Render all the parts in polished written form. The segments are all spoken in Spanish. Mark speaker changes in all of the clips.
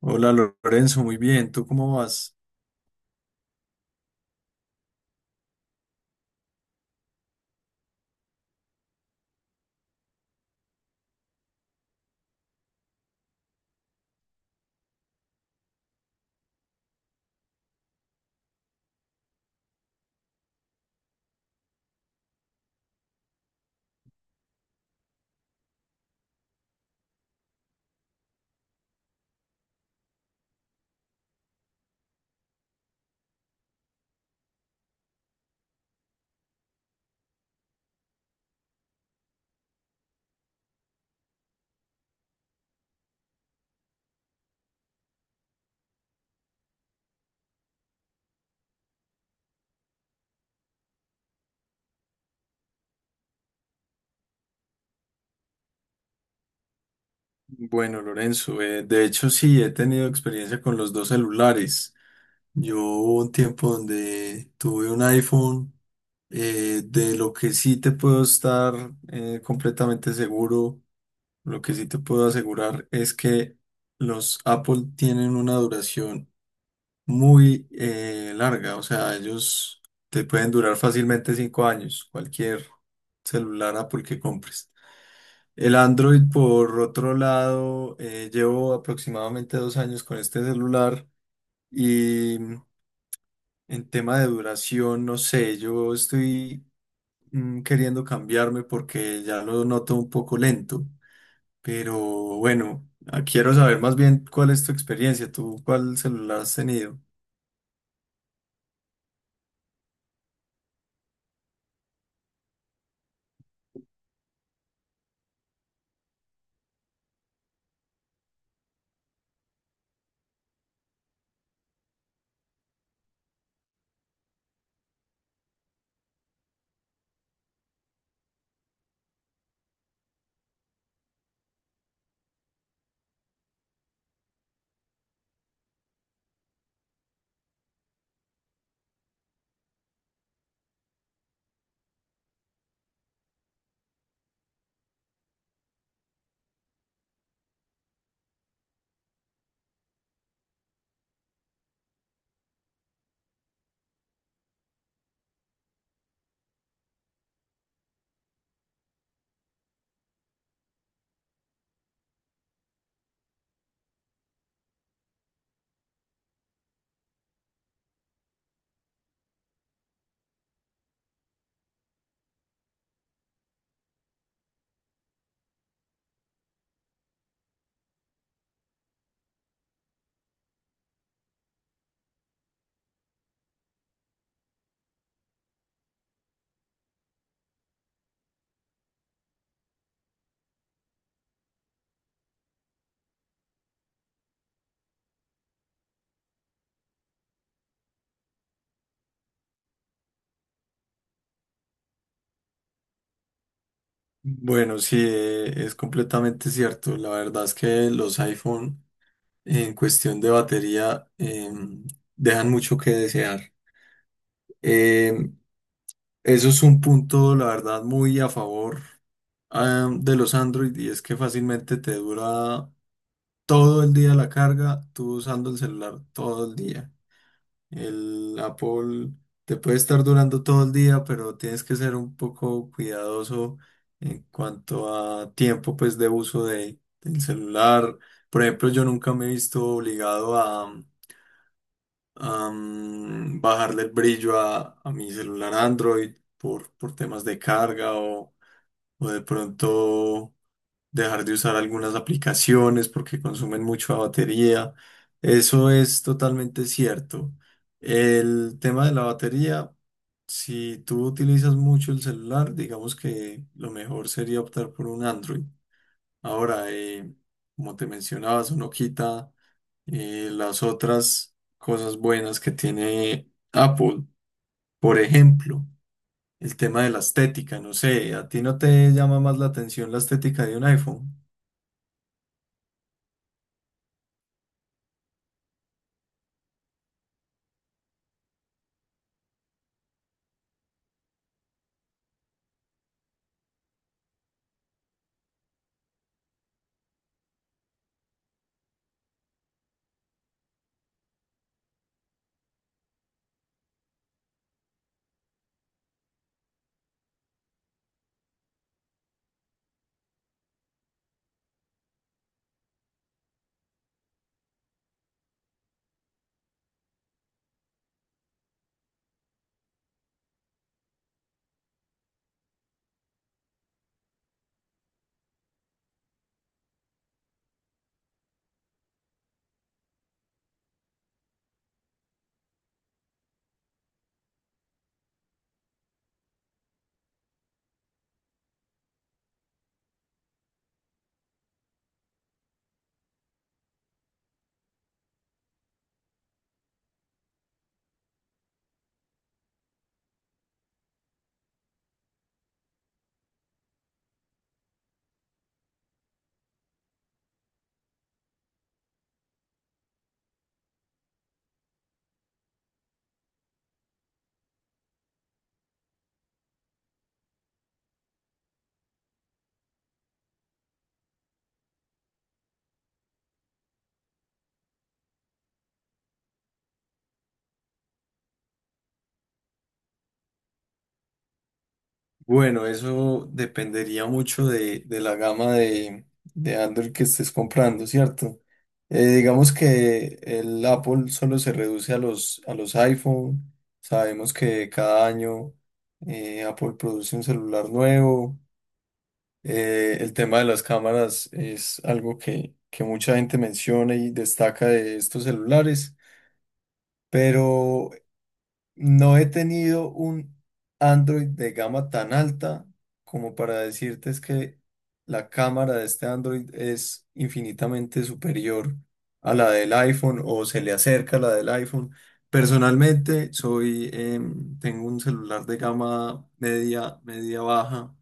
Speaker 1: Hola Lorenzo, muy bien, ¿tú cómo vas? Bueno, Lorenzo, de hecho sí, he tenido experiencia con los dos celulares. Yo hubo un tiempo donde tuve un iPhone, de lo que sí te puedo estar completamente seguro, lo que sí te puedo asegurar es que los Apple tienen una duración muy larga, o sea, ellos te pueden durar fácilmente 5 años, cualquier celular Apple que compres. El Android, por otro lado, llevo aproximadamente 2 años con este celular y en tema de duración, no sé, yo estoy queriendo cambiarme porque ya lo noto un poco lento, pero bueno, quiero saber más bien cuál es tu experiencia, tú cuál celular has tenido. Bueno, sí, es completamente cierto. La verdad es que los iPhone en cuestión de batería dejan mucho que desear. Em, Eso es un punto, la verdad, muy a favor, de los Android, y es que fácilmente te dura todo el día la carga, tú usando el celular todo el día. El Apple te puede estar durando todo el día, pero tienes que ser un poco cuidadoso en cuanto a tiempo, pues, de del celular. Por ejemplo, yo nunca me he visto obligado a bajarle el brillo a mi celular Android por temas de carga o de pronto dejar de usar algunas aplicaciones porque consumen mucha batería. Eso es totalmente cierto. El tema de la batería, si tú utilizas mucho el celular, digamos que lo mejor sería optar por un Android. Ahora, como te mencionaba, eso no quita las otras cosas buenas que tiene Apple. Por ejemplo, el tema de la estética, no sé, ¿a ti no te llama más la atención la estética de un iPhone? Bueno, eso dependería mucho de la gama de Android que estés comprando, ¿cierto? Digamos que el Apple solo se reduce a a los iPhone. Sabemos que cada año Apple produce un celular nuevo. El tema de las cámaras es algo que mucha gente menciona y destaca de estos celulares. Pero no he tenido un Android de gama tan alta como para decirte es que la cámara de este Android es infinitamente superior a la del iPhone o se le acerca a la del iPhone. Personalmente soy, tengo un celular de gama media, media baja,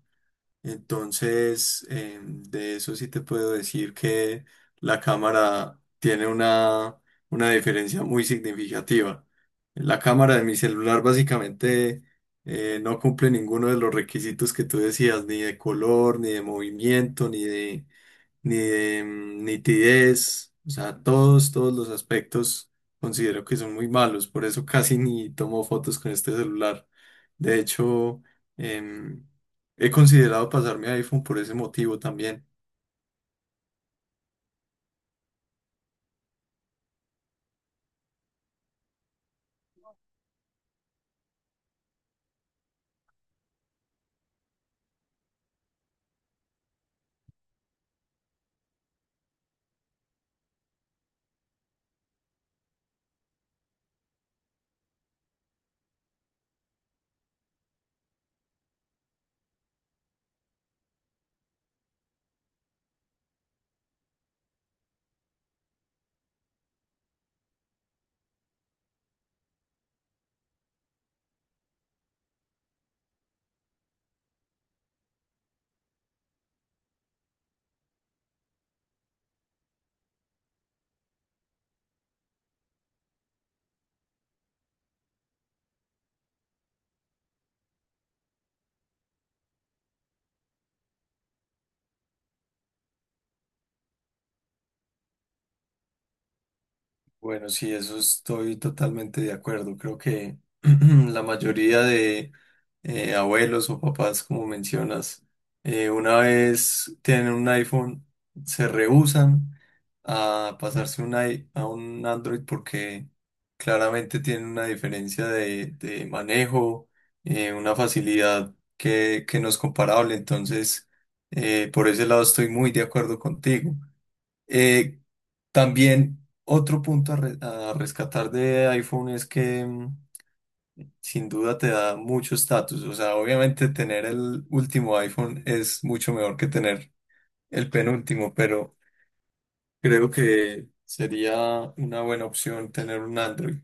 Speaker 1: entonces, de eso sí te puedo decir que la cámara tiene una diferencia muy significativa. La cámara de mi celular básicamente no cumple ninguno de los requisitos que tú decías, ni de color, ni de movimiento, ni de nitidez. O sea, todos, todos los aspectos considero que son muy malos. Por eso casi ni tomo fotos con este celular. De hecho, em, he considerado pasarme a iPhone por ese motivo también. Bueno, sí, eso estoy totalmente de acuerdo. Creo que la mayoría de abuelos o papás, como mencionas, una vez tienen un iPhone, se rehúsan a pasarse un a un Android porque claramente tienen una diferencia de manejo, una facilidad que no es comparable. Entonces, por ese lado estoy muy de acuerdo contigo. Eh, También otro punto a rescatar de iPhone es que sin duda te da mucho estatus. O sea, obviamente tener el último iPhone es mucho mejor que tener el penúltimo, pero creo que sería una buena opción tener un Android.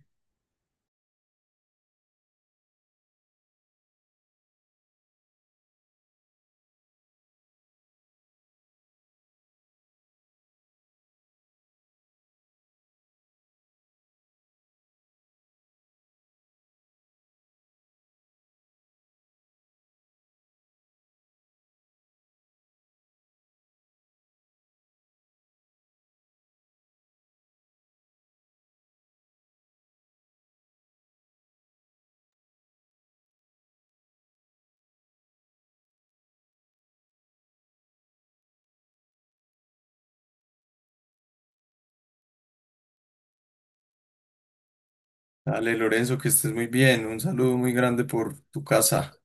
Speaker 1: Dale, Lorenzo, que estés muy bien. Un saludo muy grande por tu casa.